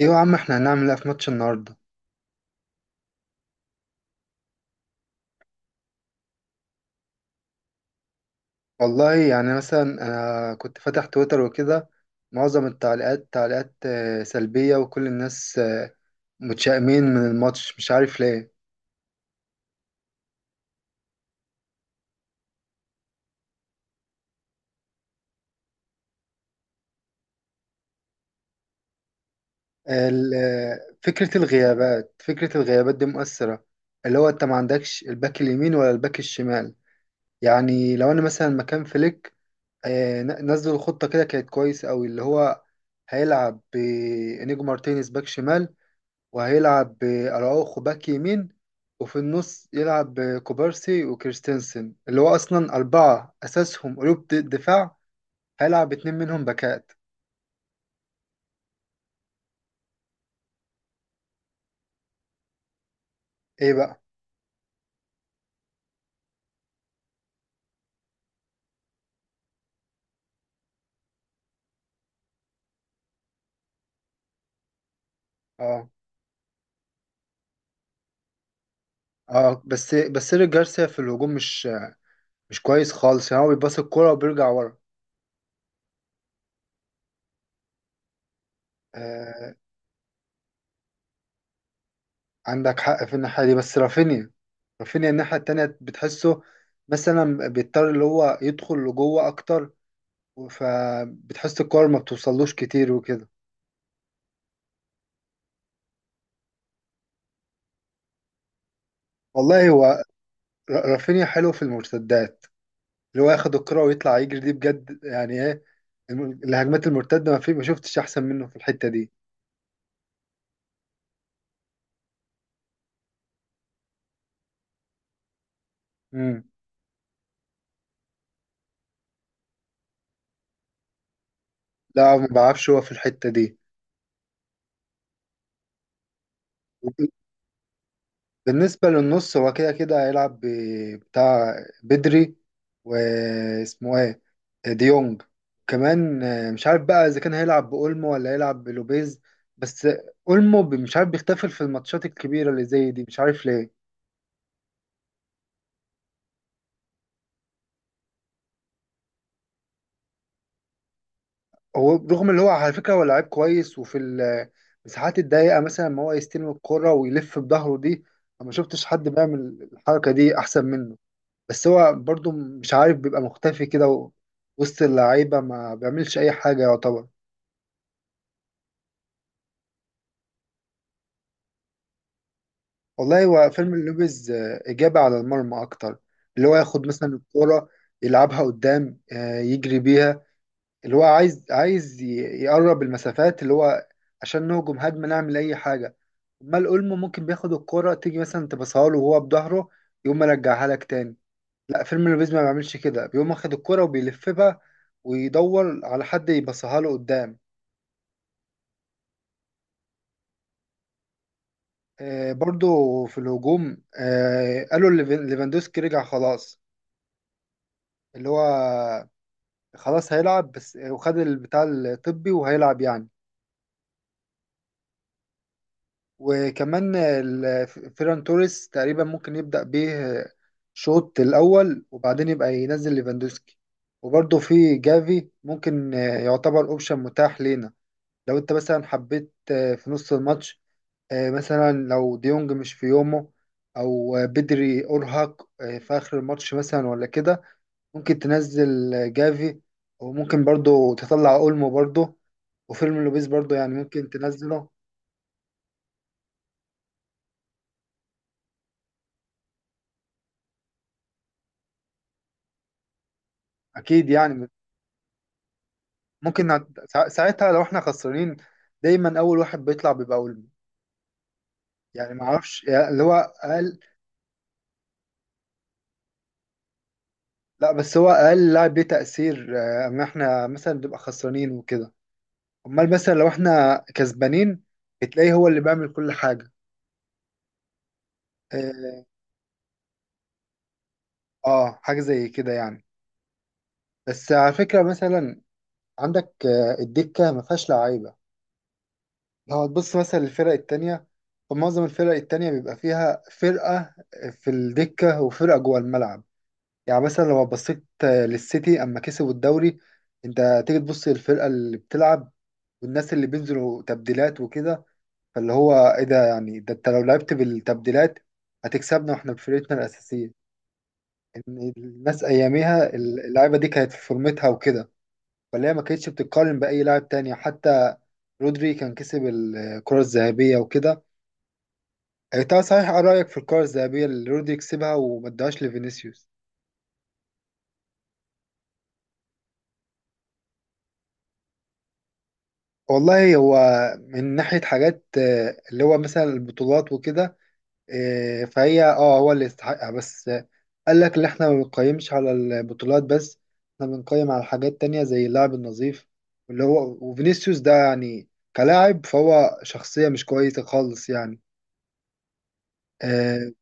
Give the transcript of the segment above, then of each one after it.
ايه يا عم، احنا هنعمل ايه في ماتش النهارده؟ والله يعني، مثلا انا كنت فاتح تويتر وكده. معظم التعليقات تعليقات سلبية، وكل الناس متشائمين من الماتش، مش عارف ليه. فكرة الغيابات، دي مؤثرة، اللي هو انت ما عندكش الباك اليمين ولا الباك الشمال. يعني لو انا مثلا مكان فليك، نزل الخطة كده كانت كويسة قوي، اللي هو هيلعب بإنيجو مارتينيز باك شمال، وهيلعب بأراوخو باك يمين، وفي النص يلعب بكوبارسي وكريستنسن، اللي هو أصلا أربعة أساسهم قلوب دفاع. هيلعب اتنين منهم باكات. إيه بقى؟ آه. آه، بس إيريك جارسيا في الهجوم، مش كويس خالص، يعني هو بيباص الكورة وبيرجع ورا. آه، عندك حق في الناحية دي، بس رافينيا الناحية التانية بتحسه، مثلا بيضطر اللي هو يدخل لجوه أكتر، فبتحس الكورة ما بتوصلوش كتير وكده. والله هو، رافينيا حلو في المرتدات، اللي هو ياخد الكرة ويطلع يجري دي بجد، يعني ايه. الهجمات المرتدة، ما شفتش احسن منه في الحتة دي. امم، لا ما بعرفش، هو في الحتة دي. بالنسبة للنص، هو كده كده هيلعب بتاع، بدري، واسمه ايه، ديونج. كمان مش عارف بقى اذا كان هيلعب بأولمو ولا هيلعب بلوبيز. بس اولمو مش عارف بيختفل في الماتشات الكبيرة اللي زي دي، مش عارف ليه. هو، رغم اللي هو، على فكرة هو لعيب كويس، وفي المساحات الضيقة مثلا، ما هو يستلم الكرة ويلف بظهره دي، أنا ما شفتش حد بيعمل الحركة دي أحسن منه. بس هو برضو مش عارف بيبقى مختفي كده، وسط اللعيبة ما بيعملش أي حاجة يعتبر. والله هو فيلم اللوبيز إجابة على المرمى أكتر، اللي هو ياخد مثلا الكرة، يلعبها قدام، يجري بيها، اللي هو عايز يقرب المسافات، اللي هو عشان نهجم هجمة نعمل أي حاجة. أمال أولمو ممكن بياخد الكرة، تيجي مثلا تبصها له وهو بظهره، يقوم مرجعها لك تاني. لا، فيرمينو لوبيز ما بيعملش كده، بيقوم واخد الكرة وبيلف بقى ويدور على حد يبصها له قدام. آه، برضو، في الهجوم قالوا ليفاندوسكي رجع خلاص، اللي هو خلاص هيلعب، بس وخد البتاع الطبي وهيلعب يعني. وكمان فيران توريس تقريبا ممكن يبدأ بيه شوط الأول، وبعدين يبقى ينزل ليفاندوسكي. وبرضه في جافي، ممكن يعتبر أوبشن متاح لينا، لو أنت مثلا حبيت في نص الماتش، مثلا لو ديونج مش في يومه، أو بدري أرهق في آخر الماتش مثلا ولا كده، ممكن تنزل جافي، وممكن برضه تطلع أولمو برضه، وفيلم لوبيز برضه يعني ممكن تنزله. أكيد يعني. ساعتها لو احنا خسرانين، دايما اول واحد بيطلع بيبقى اولمو. يعني ما اعرفش يعني، اللي هو اقل. لا، بس هو اقل لاعب ليه تأثير اما احنا مثلا بنبقى خسرانين وكده. امال مثلا لو احنا كسبانين، بتلاقيه هو اللي بيعمل كل حاجة. اه، حاجة زي كده يعني. بس على فكرة مثلا، عندك الدكة ما فيهاش لعيبة، لو هتبص مثلا للفرق التانية، فمعظم الفرق التانية بيبقى فيها فرقة في الدكة وفرقة جوه الملعب. يعني مثلا لو بصيت للسيتي اما كسبوا الدوري، انت تيجي تبص للفرقه اللي بتلعب والناس اللي بينزلوا تبديلات وكده، فاللي هو ايه ده، يعني ده انت لو لعبت بالتبديلات هتكسبنا واحنا بفرقتنا الاساسيه، ان الناس اياميها اللعيبه دي كانت في فورمتها وكده، فاللي هي ما كانتش بتتقارن باي لاعب تاني، حتى رودري كان كسب الكره الذهبيه وكده. انت صحيح، ايه رايك في الكره الذهبيه اللي رودري كسبها وما ادهاش لفينيسيوس؟ والله هو، من ناحية حاجات، اللي هو مثلا البطولات وكده، فهي هو اللي يستحقها، بس قال لك اللي احنا ما بنقيمش على البطولات بس، احنا بنقيم على حاجات تانية زي اللعب النظيف. اللي هو وفينيسيوس ده يعني كلاعب، فهو شخصية مش كويسة خالص يعني. اه.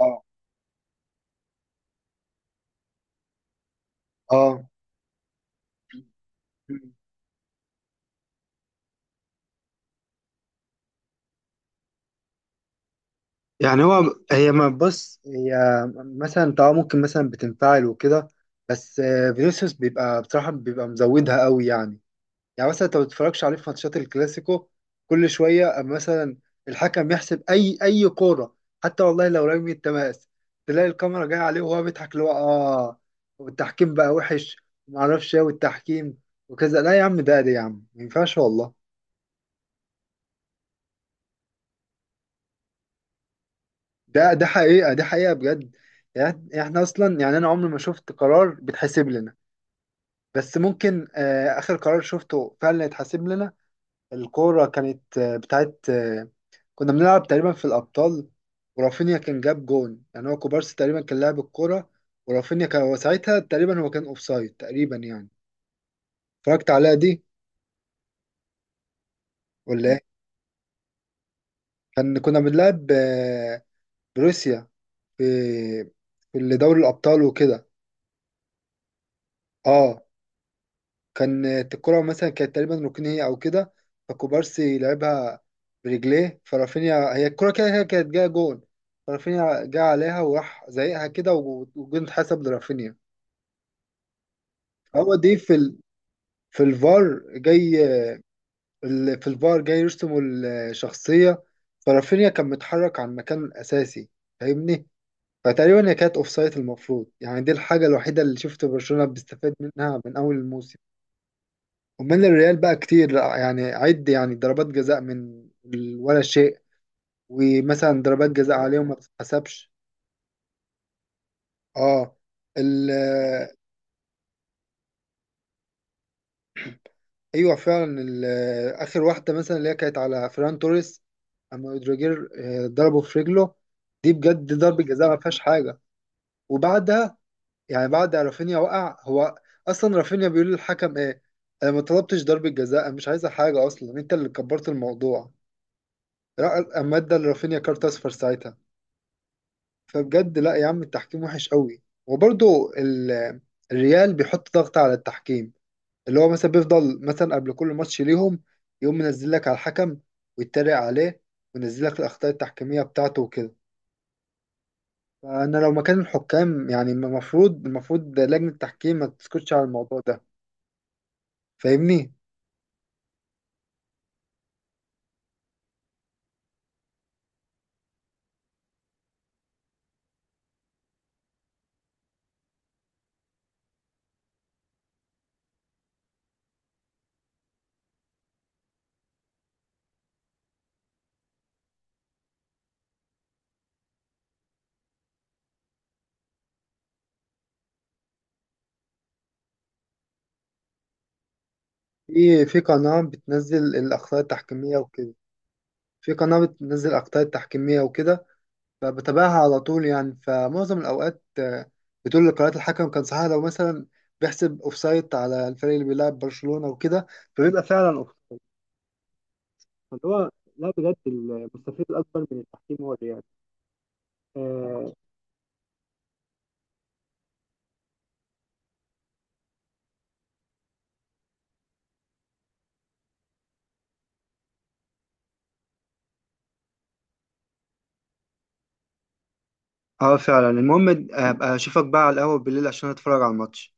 اه. آه. يعني هو هي ما بص هي مثلا انت ممكن مثلا بتنفعل وكده، بس فينيسيوس بيبقى بصراحة بيبقى مزودها قوي يعني. يعني مثلا انت ما بتتفرجش عليه في ماتشات الكلاسيكو، كل شويه اما مثلا الحكم يحسب اي كوره، حتى والله لو رمي التماس، تلاقي الكاميرا جايه عليه وهو بيضحك اللي هو، اه، والتحكيم بقى وحش، وما اعرفش ايه والتحكيم وكذا. لا يا عم، ده يا عم ما ينفعش، والله. ده حقيقه، ده حقيقه بجد. يعني احنا اصلا، يعني انا عمري ما شفت قرار بيتحسب لنا. بس ممكن اخر قرار شفته فعلا يتحسب لنا، الكورة كانت بتاعت كنا بنلعب تقريبا في الأبطال، ورافينيا كان جاب جون، يعني هو كوبارسي تقريبا كان لاعب الكورة، ورافينيا كان هو ساعتها تقريبا، هو كان أوفسايد تقريبا يعني. اتفرجت عليها دي. ولا إيه؟ كنا بنلعب بروسيا، في اللي دوري الأبطال وكده. اه، كانت الكرة مثلا، كانت تقريبا ركنية أو كده، فكوبارسي لعبها برجليه، فرافينيا هي الكرة كده كده كانت جاية جون، فرافينيا جه عليها وراح زايقها كده، والجون اتحسب لرافينيا. هو دي في ال... في الفار جاي، في الفار جاي يرسموا الشخصية، فرافينيا كان متحرك عن مكان أساسي، فاهمني. فتقريبا هي كانت أوفسايد المفروض يعني، دي الحاجة الوحيدة اللي شفت برشلونة بيستفاد منها من أول الموسم. ومن الريال بقى كتير، يعني عد يعني ضربات جزاء من ولا شيء. ومثلا ضربات جزاء عليهم ما بتتحسبش. اه. ال- ايوه فعلا، اخر واحده مثلا اللي هي كانت على فران توريس، اما اودريجير ضربه في رجله، دي بجد ضربه جزاء ما فيهاش حاجه. وبعدها، يعني بعد رافينيا وقع هو، اصلا رافينيا بيقول للحكم ايه: انا ما طلبتش ضربه جزاء، أنا مش عايزه حاجه اصلا، انت اللي كبرت الموضوع. اما ادى لرافينيا كارت اصفر ساعتها. فبجد لا يا عم، التحكيم وحش قوي، وبرضه الريال بيحط ضغط على التحكيم، اللي هو مثلا بيفضل مثلا قبل كل ماتش ليهم يقوم منزل لك على الحكم ويتريق عليه، وينزل لك الاخطاء التحكيميه بتاعته وكده. فانا لو مكان الحكام، يعني المفروض لجنه التحكيم ما تسكتش على الموضوع ده، فاهمني. في قناه بتنزل الاخطاء التحكيميه وكده، في قناه بتنزل الاخطاء التحكيميه وكده فبتابعها على طول يعني. فمعظم الأوقات بتقول لقرارات الحكم كان صحيح، لو مثلا بيحسب أوفسايد على الفريق اللي بيلعب برشلونة وكده، فبيبقى فعلا أوفسايد. فاللي هو، لا بجد، المستفيد الأكبر من التحكيم هو الريال. آه. اه، فعلا. المهم ابقى اشوفك بقى على القهوة بالليل عشان اتفرج على الماتش.